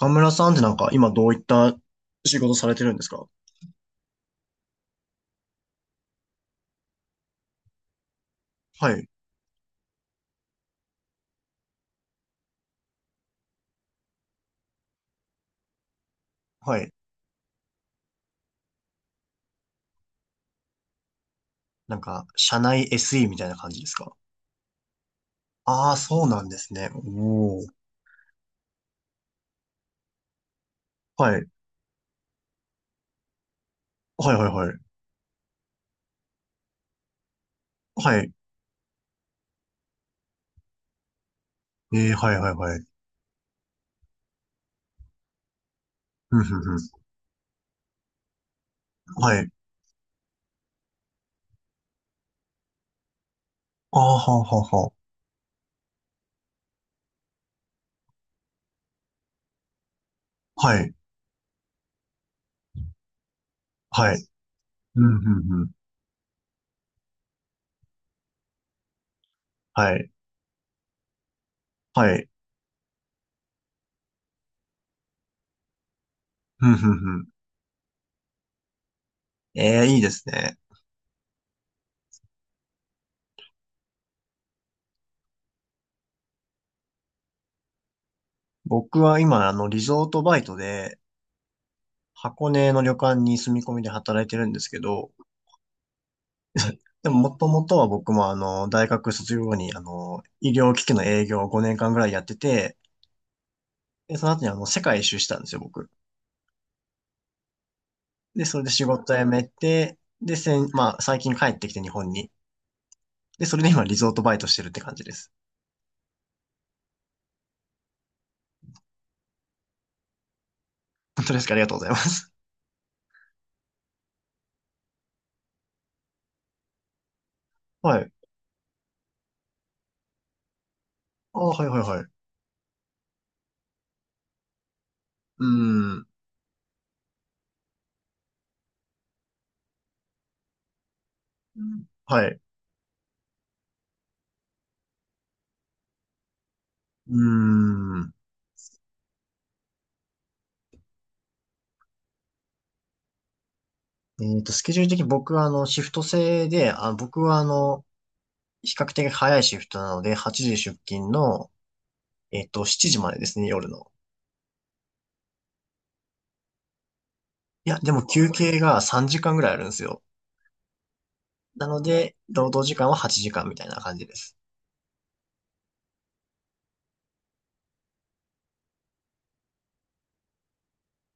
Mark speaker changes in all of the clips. Speaker 1: 岡村さんってなんか今どういった仕事されてるんですか？はい、はい。なんか、社内 SE みたいな感じですか？ああー、そうなんですね。おお。はい。はいはいはい。はい。えー、はいはいはい。うんうんうん。はい。ああ、はあはあはあ。はい。はい。うんうんうん。はい。はい。うんうんうん。ええ、いいですね。僕は今、リゾートバイトで、箱根の旅館に住み込みで働いてるんですけど、でも、もともとは僕も、大学卒業後に、医療機器の営業を5年間ぐらいやってて、で、その後に、世界一周したんですよ、僕。で、それで仕事辞めて、で、まあ、最近帰ってきて日本に。で、それで今、リゾートバイトしてるって感じです。本当ですか？ありがとうございます。はい。あ、はい、はい、はい。うーん。はい。うーん。スケジュール的に僕は、シフト制で、あ、僕は、比較的早いシフトなので、8時出勤の、7時までですね、夜の。いや、でも休憩が3時間ぐらいあるんですよ。なので、労働時間は8時間みたいな感じです。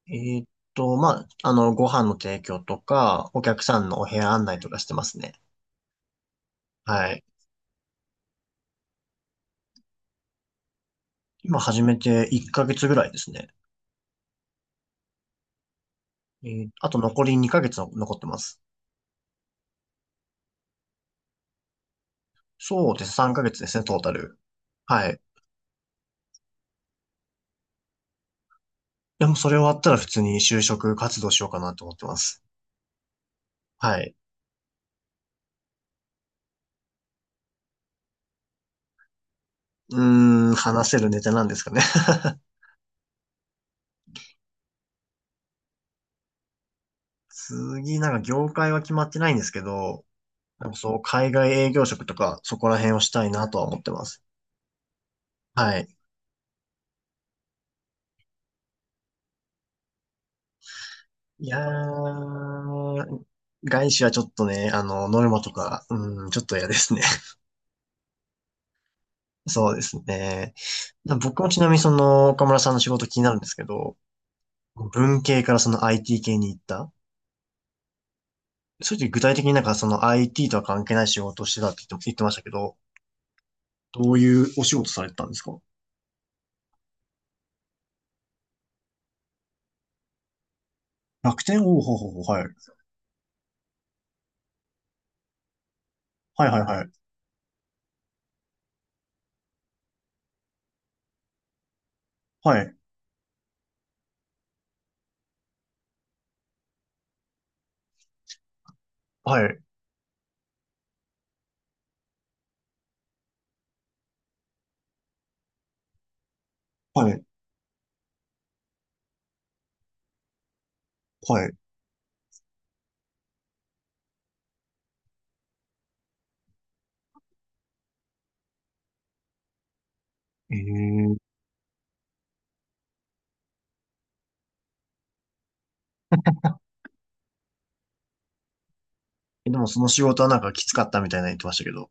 Speaker 1: えーっまあ、ご飯の提供とか、お客さんのお部屋案内とかしてますね。はい。今始めて1ヶ月ぐらいですね。あと残り2ヶ月の残ってます。そうです。3ヶ月ですね、トータル。はい。でもそれ終わったら普通に就職活動しようかなと思ってます。はい。うーん、話せるネタなんですかね。次、なんか業界は決まってないんですけど、なんかそう、海外営業職とか、そこら辺をしたいなとは思ってます。はい。いやー、外資はちょっとね、ノルマとか、うん、ちょっと嫌ですね。そうですね。僕もちなみにその、岡村さんの仕事気になるんですけど、文系からその IT 系に行った。そういう時具体的になんかその IT とは関係ない仕事をしてたって言ってましたけど、どういうお仕事されてたんですか？楽天おーほうほうほう、はい。はいはいはい。はい。はい。はい。はい。えでもその仕事はなんかきつかったみたいな言ってましたけど。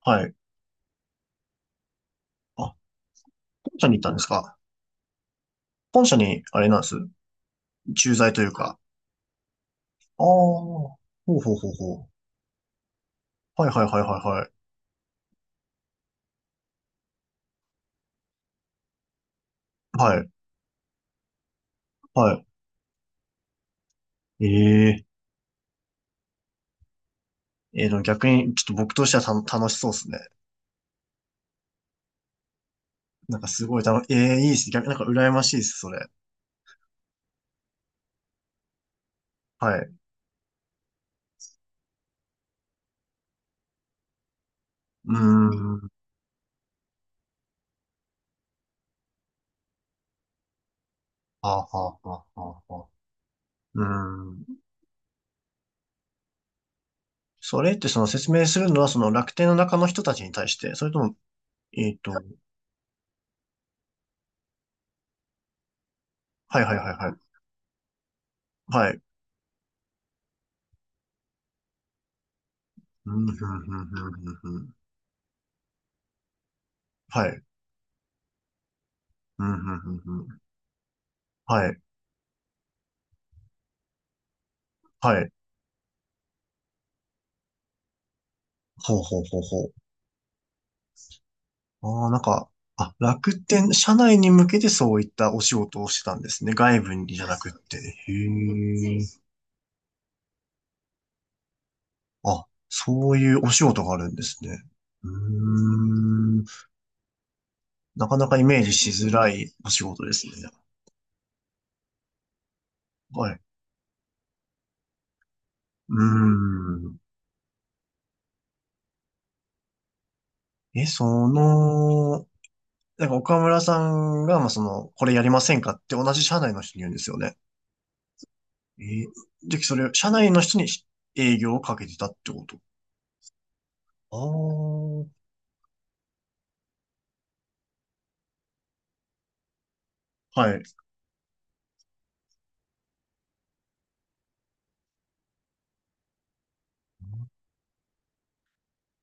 Speaker 1: はい。あ、本社に行ったんですか？本社に、あれなんです。駐在というか。ああ、ほうほうほうほう。はいはいはいはいはい。はい、はい。でも逆に、ちょっと僕としては楽しそうですね。なんかすごい楽、ええいいっすね。逆、なんか羨ましいです、それ。はい。うーん。はあ、はあ、はあ、はあ。はあうーん。それってその説明するのはその楽天の中の人たちに対して、それとも、はいはいはいはい。はい。うん、ふんふんふんふんふん。はい。うん、ふんふんふん。はい。はい。ほうほうほうほう。ああ、なんか、あ、楽天、社内に向けてそういったお仕事をしてたんですね。外部にじゃなくって。へえ。あ、そういうお仕事があるんですね。うーん。なかなかイメージしづらいお仕事ですね。はい。うーん。え、その、なんか岡村さんが、まあ、これやりませんかって同じ社内の人に言うんですよね。えー、じゃあそれ、社内の人に営業をかけてたってこと？ああ、はい。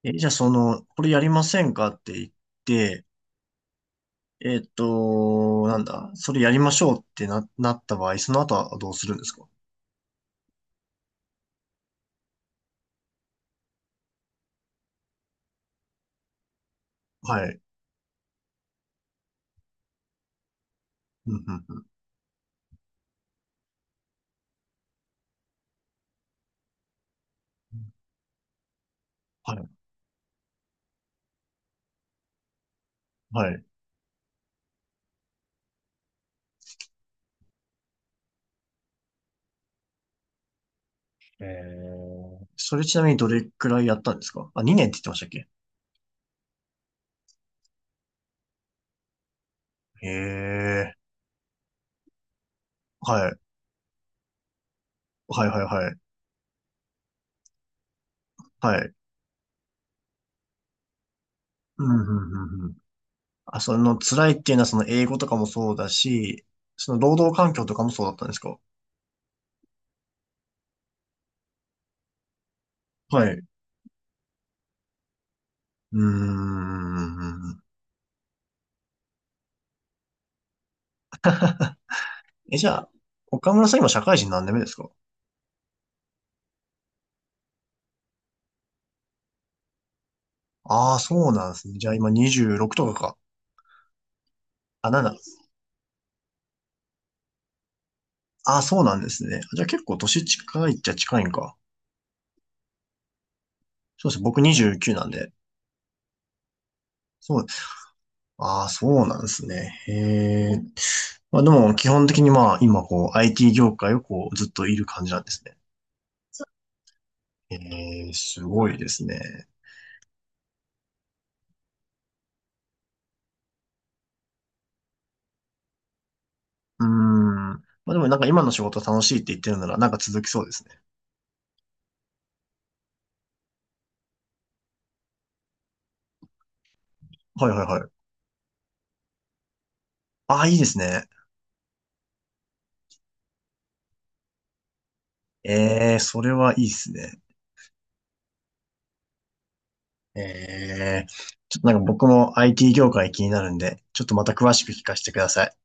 Speaker 1: え、じゃあこれやりませんかって言って、なんだ、それやりましょうってなった場合、その後はどうするんですか？はい。うんうんうん。はい。はい。それちなみにどれくらいやったんですか？あ、2年って言ってましたっけ？へえ。はい。はいはいはい。はい。うんうんうん。あ、その辛いっていうのはその英語とかもそうだし、その労働環境とかもそうだったんですか？はい。うーん。え、じゃあ、岡村さん今社会人何年目ですか？ああー、そうなんですね。じゃあ今26とかか。あ、7。ああ、そうなんですね。じゃあ結構年近いっちゃ近いんか。そうですね。僕29なんで。そう。ああ、そうなんですね。へえ。まあでも基本的にまあ今こう IT 業界をこうずっといる感じなんですね。ええ、すごいですね。うーん。まあでもなんか今の仕事楽しいって言ってるならなんか続きそうですね。はいはいはい。ああ、いいですね。ええ、それはいいですね。ええ、ちょっとなんか僕も IT 業界気になるんで、ちょっとまた詳しく聞かせてください。